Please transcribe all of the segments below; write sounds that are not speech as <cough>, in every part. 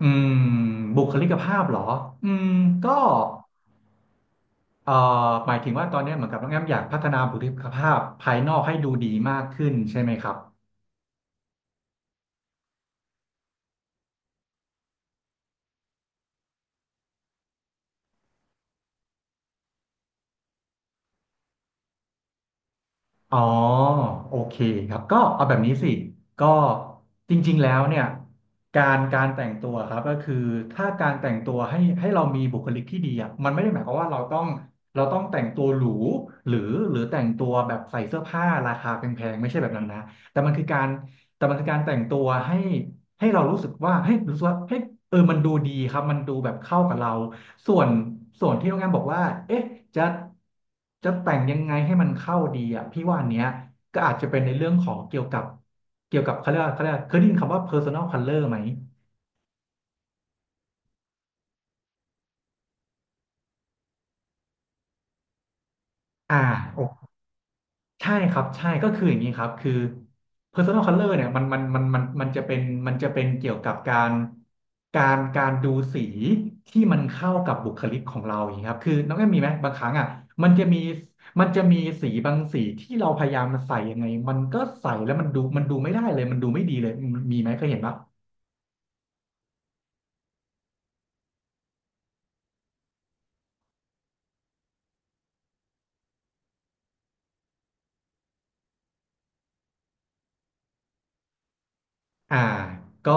อืมบุคลิกภาพเหรออืมก็เอ่อหมายถึงว่าตอนนี้เหมือนกับน้องแอมอยากพัฒนาบุคลิกภาพภายนอกให้ดูดีมากขึ้นใช่ไหมครับอ๋อโอเคครับก็เอาแบบนี้สิก็จริงๆแล้วเนี่ยการแต่งตัวครับก็คือถ้าการแต่งตัวให้เรามีบุคลิกที่ดีอ่ะมันไม่ได้หมายความว่าเราต้องแต่งตัวหรูหรือหรือแต่งตัวแบบใส่เสื้อผ้าราคาแพงๆไม่ใช่แบบนั้นนะแต่มันคือการ มันคือการแต่งตัวให้เรารู้สึกว่าให้ยรู้สึกว่าเฮ้ยเออมันดูดีครับมันดูแบบเข้ากับเราส่วนส่วนที่โรงแรมบอกว่าเอ๊ะจะจะแต่งยังไงให้มันเข้าดีอ่ะพี่ว่าอันเนี้ยก็อาจจะเป็นในเรื่องของเกี่ยวกับเขาเรียกว่าเขาเรียกว่าเคยได้ยินคำว่า personal color ไหมอ่าโอ ใช่ครับใช่ก็คืออย่างนี้ครับคือ personal color เนี่ยมันจะเป็นจะเป็นเกี่ยวกับการการดูสีที่มันเข้ากับบุคลิกของเราอย่างนี้ครับคือน้องแอมมีไหมบางครั้งอ่ะมันจะมีมันจะมีสีบางสีที่เราพยายามใส่ยังไงมันก็ใส่แล้วมันดูไม่ได้เลยมันดูไม่ดีเลยมีไหมเคยเห็นปะ อ่าก็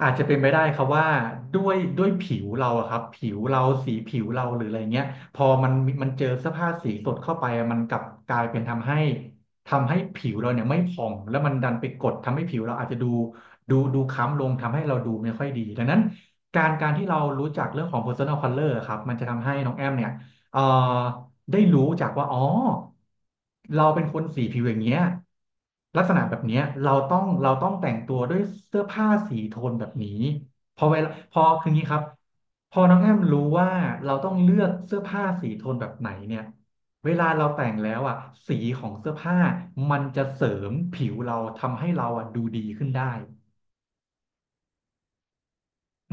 อาจจะเป็นไปได้ครับว่าด้วยผิวเราอะครับผิวเราสีผิวเราหรืออะไรเงี้ยพอมันเจอเสื้อผ้าสีสดเข้าไปอะมันกลับกลายเป็นทำให้ผิวเราเนี่ยไม่ผ่องแล้วมันดันไปกดทำให้ผิวเราอาจจะดูดูคล้ำลงทำให้เราดูไม่ค่อยดีดังนั้นการที่เรารู้จักเรื่องของ personal color อะครับมันจะทำให้น้องแอมเนี่ย เอ่อได้รู้จากว่าอ๋อเราเป็นคนสีผิวอย่างเงี้ยลักษณะแบบเนี้ยเราต้องแต่งตัวด้วยเสื้อผ้าสีโทนแบบนี้พอเวลาพอคืองี้ครับพอน้องแอมรู้ว่าเราต้องเลือกเสื้อผ้าสีโทนแบบไหนเนี่ยเวลาเราแต่งแล้วอ่ะสีของเสื้อผ้ามันจะเสริมผิวเราทำให้เราอ่ะดูดีขึ้นได้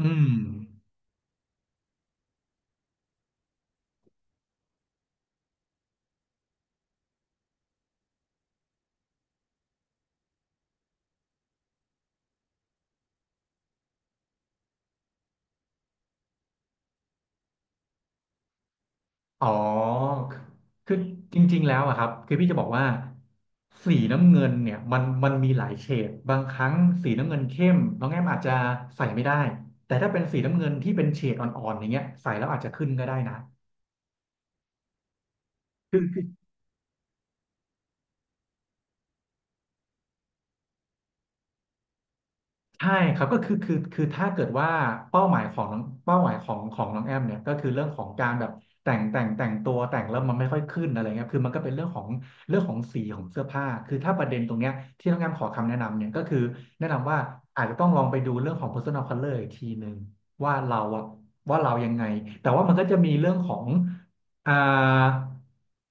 อืม อ๋อคือจริงๆ แล้วอะครับคือพี่จะบอกว่าสีน้ำเงินเนี่ยมันมีหลายเฉดบางครั้งสีน้ำเงินเข้มน้องแอมอาจจะใส่ไม่ได้แต่ถ้าเป็นสีน้ำเงินที่เป็นเฉดอ่อนๆอย่างเงี้ยใส่แล้วอาจจะขึ้นก็ได้นะคือ ใช่ครับก็คือคือถ้าเกิดว่าเป้าหมายของเป้าหมายของของน้องแอมเนี่ยก็คือเรื่องของการแบบแต่งตัวแต่งแล้วมันไม่ค่อยขึ้นอะไรเงี้ยคือมันก็เป็นเรื่องของสีของเสื้อผ้าคือถ้าประเด็นตรงเนี้ยที่น้องแอมขอคำแนะนำเนี่ยก็คือแนะนำว่าอาจจะต้องลองไปดูเรื่องของ personal color อีกทีหนึ่งว่าเราอะว่าเรายังไงแต่ว่ามันก็จะมีเรื่องของ อ่า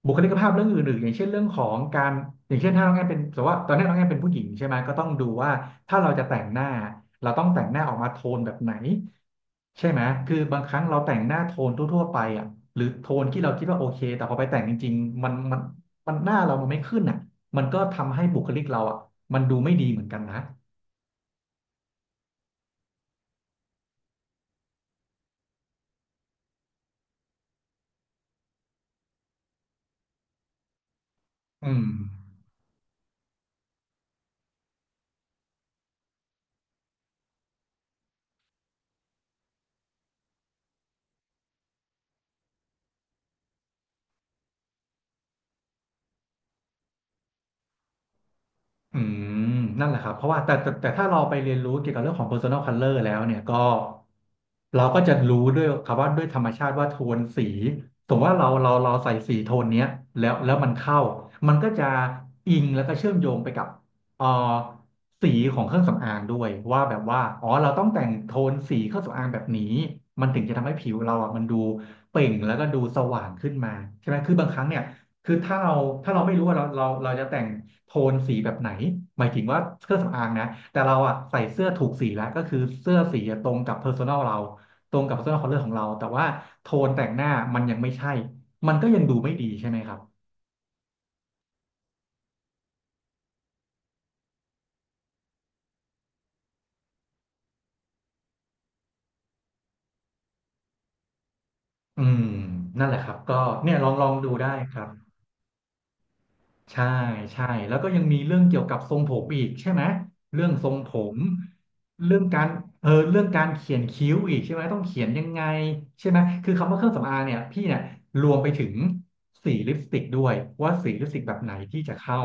บุคลิกภาพเรื่องอื่นๆอย่างเช่นเรื่องของการอย่างเช่นถ้าน้องแอนเป็นสมมติว่าตอนนี้น้องแอนเป็นผู้หญิงใช่ไหมก็ต้องดูว่าถ้าเราจะแต่งหน้าเราต้องแต่งหน้าออกมาโทนแบบไหนใช่ไหมคือบางครั้งเราแต่งหน้าโทนทั่วๆไปอ่ะหรือโทนที่เราคิดว่าโอเคแต่พอไปแต่งจริงๆมันมันหน้าเรามันไม่ขึ้นอ่ะมันก็ทำให้บุคลิกเราอ่ะมันดูไม่ดีเหมือนกันนะอืม อืมนั่นแหละครับเพราะว่าแต่ถ้าเราไปเรียนรู้เกี่ยวกับเรื่องของ personal color แล้วเนี่ยก็เราก็จะรู้ด้วยครับว่าด้วยธรรมชาติว่าโทนสีสมมติว่าเราใส่สีโทนเนี้ยแล้วมันเข้ามันก็จะอิงแล้วก็เชื่อมโยงไปกับเอ่อสีของเครื่องสำอางด้วยว่าแบบว่าอ๋อเราต้องแต่งโทนสีเครื่องสำอางแบบนี้มันถึงจะทำให้ผิวเราอ่ะมันดูเปล่งแล้วก็ดูสว่างขึ้นมาใช่ไหมคือบางครั้งเนี่ย คือถ้าเราไม่รู้ว่าเราจะแต่งโทนสีแบบไหนหมายถึงว่าเครื่องสำอางนะแต่เราอ่ะใส่เสื้อถูกสีแล้วก็คือเสื้อสีตรงกับ personal เราตรงกับ personal color ของเราแต่ว่าโทนแต่งหน้ามันยังไม่ใช่มันก็ยังดูไม่ดีใช่ไหมครับอืมนั่นแหละครับก็เนี่ยลองลองดูได้ครับ ใช่ใช่แล้วก็ยังมีเรื่องเกี่ยวกับทรงผมอีกใช่ไหมเรื่องทรงผมเรื่องการเรื่องการเขียนคิ้วอีกใช่ไหมต้องเขียนยังไงใช่ไหมคือคำว่าเครื่องสำอางเนี่ยพี่เนี่ยรวมไปถึงสีลิปสติกด้วยว่าสีลิปสติกแบบไหนที่จะเข้า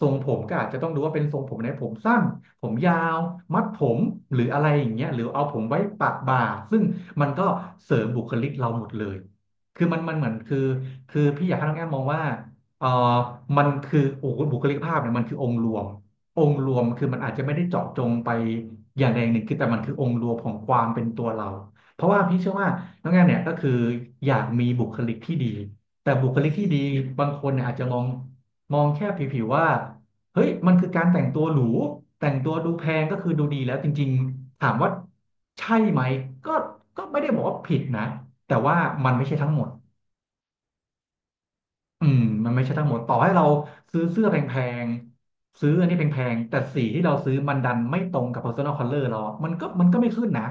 ทรงผมก็อาจจะต้องดูว่าเป็นทรงผมไหนผมสั้นผมยาวมัดผมหรืออะไรอย่างเงี้ยหรือเอาผมไว้ปะบ่าซึ่งมันก็เสริมบุคลิกเราหมดเลยคือมันเหมือนคือคือพี่อยากให้น้องแอมมองว่า เอ่อมันคือโอ้โหบุคลิกภาพเนี่ยมันคือองค์รวมองค์รวมคือมันอาจจะไม่ได้เจาะจงไปอย่างใดอย่างหนึ่งคือแต่มันคือองค์รวมของความเป็นตัวเราเพราะว่าพี่เชื่อว่าน้องแอมเนี่ยก็คืออยากมีบุคลิกที่ดีแต่บุคลิกที่ดีบางคนเนี่ยอาจจะมองมองแค่ผิวๆว่าเฮ้ยมันคือการแต่งตัวหรูแต่งตัวดูแพงก็คือดูดีแล้วจริงๆถามว่าใช่ไหมก็ไม่ได้บอกว่าผิดนะแต่ว่ามันไม่ใช่ทั้งหมด อืมมันไม่ใช่ทั้งหมดต่อให้เราซื้อเสื้อแพงๆซื้ออันนี้แพงๆแต่สีที่เราซื้อมันดันไม่ตรงกับ personal color เราอะมันก็ไม่ขึ้นนะ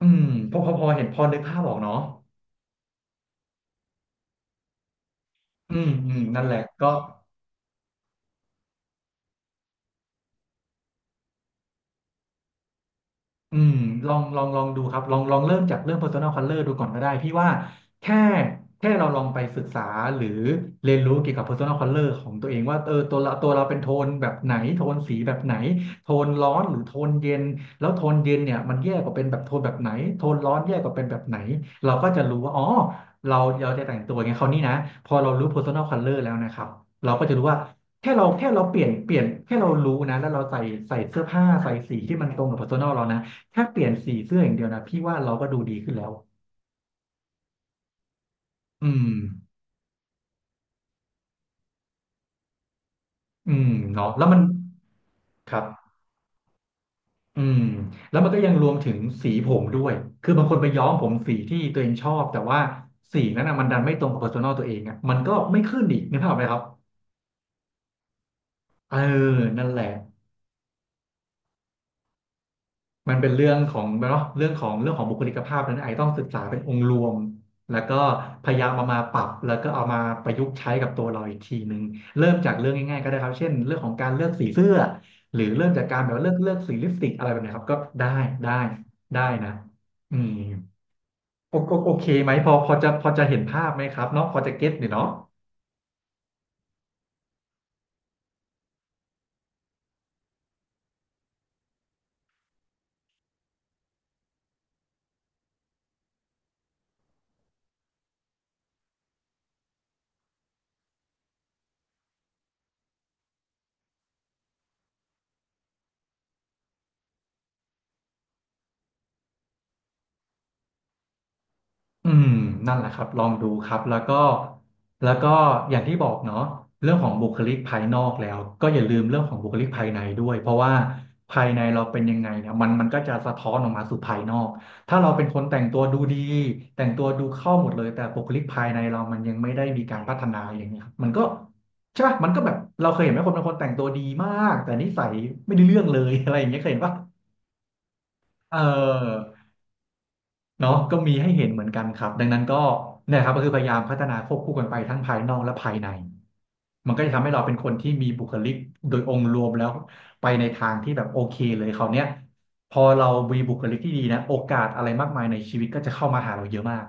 อืมพอเห็นพอนึกภาพออกเนาะอืมอืมนั่นแหละก็ อืมลองลองลองดูครับลองลองเริ่มจากเรื่อง personal color ดูก่อนก็ได้พี่ว่าแค่แค่เราลองไปศึกษาหรือเรียนรู้เกี่ยวกับ personal color ของตัวเองว่าเออตัวเราเป็นโทนแบบไหนโทนสีแบบไหนโทนร้อนหรือโทนเย็นแล้วโทนเย็นเนี่ยมันแย่กว่าเป็นแบบโทนแบบไหนโทนร้อนแย่กว่าเป็นแบบไหนเราก็จะรู้ว่าอ๋อเราเราจะแต่งตัวไงเขาวนี่นะพอเรารู้ personal color แล้วนะครับเราก็จะรู้ว่าแค่เราเปลี่ยนแค่เรารู้นะแล้วเราใส่เสื้อผ้าใส่สีที่มันตรงกับ personal เรานะ แค่เปลี่ยนสีเสื้ออย่างเดียวนะพี่ว่าเราก็ดูดีขึ้นแล้ว อืม อืมเนาะแล้วมัน ครับอืมแล้วมันก็ยังรวมถึงสีผมด้วย คือบางคนไปย้อมผมสีที่ตัวเองชอบแต่ว่าสีนั้นอ่ะมันดันไม่ตรงกับ p e r s o n a l ตัวเองอ่ะมันก็ไม่ขึ้นอีกนึกภาพไหมครับ เออ นั่นแหละ มันเป็นเรื่องของเนาะเรื่องของเรื่องของบุคลิกภาพนั้นไอต้องศึกษาเป็นองค์รวมแล้วก็พยายามเอามาปรับแล้วก็เอามาประยุกต์ใช้กับตัวเราอีกทีหนึ่งเริ่มจากเรื่องง่ายๆก็ได้ครับเช่นเรื่องของการเลือกสีเสื้อหรือเริ่มจากการแบบว่าเลือกเลือกสีลิปสติกอะไรแบบเนี้ยครับก็ได้ได้ได้นะอืมโอเคไหมพอจะเห็นภาพไหมครับเนาะพอจะเก็ตเนี่ยเนาะ อืมนั่นแหละครับลองดูครับแล้วก็แล้วก็อย่างที่บอกเนาะเรื่องของบุคลิกภายนอกแล้วก็อย่าลืมเรื่องของบุคลิกภายในด้วยเพราะว่าภายในเราเป็นยังไงเนี่ยมันมันก็จะสะท้อนออกมาสู่ภายนอกถ้าเราเป็นคนแต่งตัวดูดีแต่งตัวดูเข้าหมดเลยแต่บุคลิกภายในเรามันยังไม่ได้มีการพัฒนาอย่างเงี้ยครับมันก็ใช่ปะมันก็แบบเราเคยเห็นไหมคนบางคนแต่งตัวดีมากแต่นิสัยไม่ได้เรื่องเลย <laughs> อะไรอย่างเงี้ยเคยเห็นปะเออ เนาะก็มีให้เห็นเหมือนกันครับดังนั้นก็เนี่ยครับก็คือพยายามพัฒนาควบคู่กันไปทั้งภายนอกและภายในมันก็จะทำให้เราเป็นคนที่มีบุคลิกโดยองค์รวมแล้วไปในทางที่แบบโอเคเลยคราวเนี้ยพอเรามีบุคลิกที่ดีนะโอกาสอะไรมากมายในชีวิตก็จะเข้ามาหาเราเยอะมาก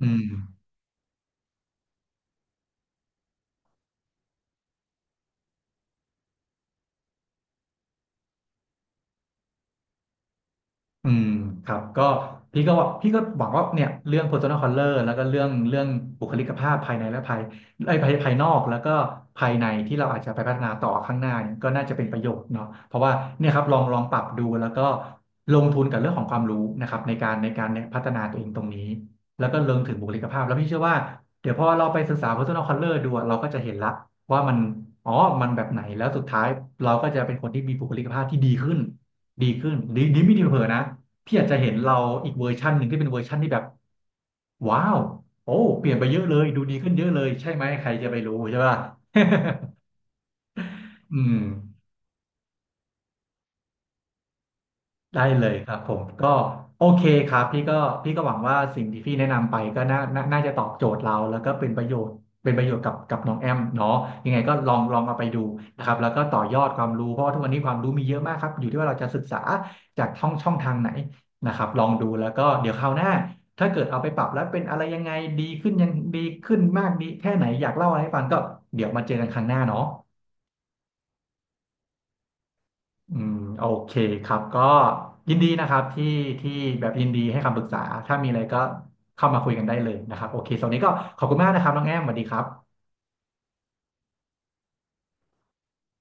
อืม อืมครับก็พี่ก็หวังว่าเนี่ยเรื่อง personal color แล้วก็เรื่องบุคลิกภาพภายในและภายไอ้ยภายภายนอกแล้วก็ภายในที่เราอาจจะไปพัฒนาต่อข้างหน้าเนี่ยก็น่าจะเป็นประโยชน์เนาะเพราะว่าเนี่ยครับลองลองปรับดูแล้วก็ลงทุนกับเรื่องของความรู้นะครับในการเนี่ยพัฒนาตัวเองตรงนี้แล้วก็เรื่องถึงบุคลิกภาพแล้วพี่เชื่อว่าเดี๋ยวพอเราไปศึกษา personal color ดูอะเราก็จะเห็นละว่ามันอ๋อมันแบบไหนแล้วสุดท้ายเราก็จะเป็นคนที่มีบุคลิกภาพที่ดีขึ้น ดีขึ้นดีดีไม่ดีเผลอๆนะพี่อาจจะเห็นเราอีกเวอร์ชันหนึ่งที่เป็นเวอร์ชันที่แบบว้าวโอ้เปลี่ยนไปเยอะเลยดูดีขึ้นเยอะเลยใช่ไหมใครจะไปรู้ใช่ป่ะ <laughs> อืม ได้เลยครับผมก็โอเคครับพี่ก็พี่ก็หวังว่าสิ่งที่พี่แนะนำไปก็น่าจะตอบโจทย์เราแล้วก็เป็นประโยชน์เป็นประโยชน์กับน้องแอมเนาะยังไงก็ลองลองเอาไปดูนะครับแล้วก็ต่อยอดความรู้เพราะว่าทุกวันนี้ความรู้มีเยอะมากครับอยู่ที่ว่าเราจะศึกษาจากช่องทางไหนนะครับลองดูแล้วก็เดี๋ยวคราวหน้าถ้าเกิดเอาไปปรับแล้วเป็นอะไรยังไงดีขึ้นยังดีขึ้นมากดีแค่ไหนอยากเล่าอะไรให้ฟังก็เดี๋ยวมาเจอกันครั้งหน้าเนาะ อืมโอเคครับก็ยินดีนะครับที่แบบยินดีให้คำปรึกษาถ้ามีอะไรก็เข้ามาคุยกันได้เลยนะครับโอเคสำหรับวันนี้ก็ขอบคุณมากนะครับน้องแอมสวัสดีครับ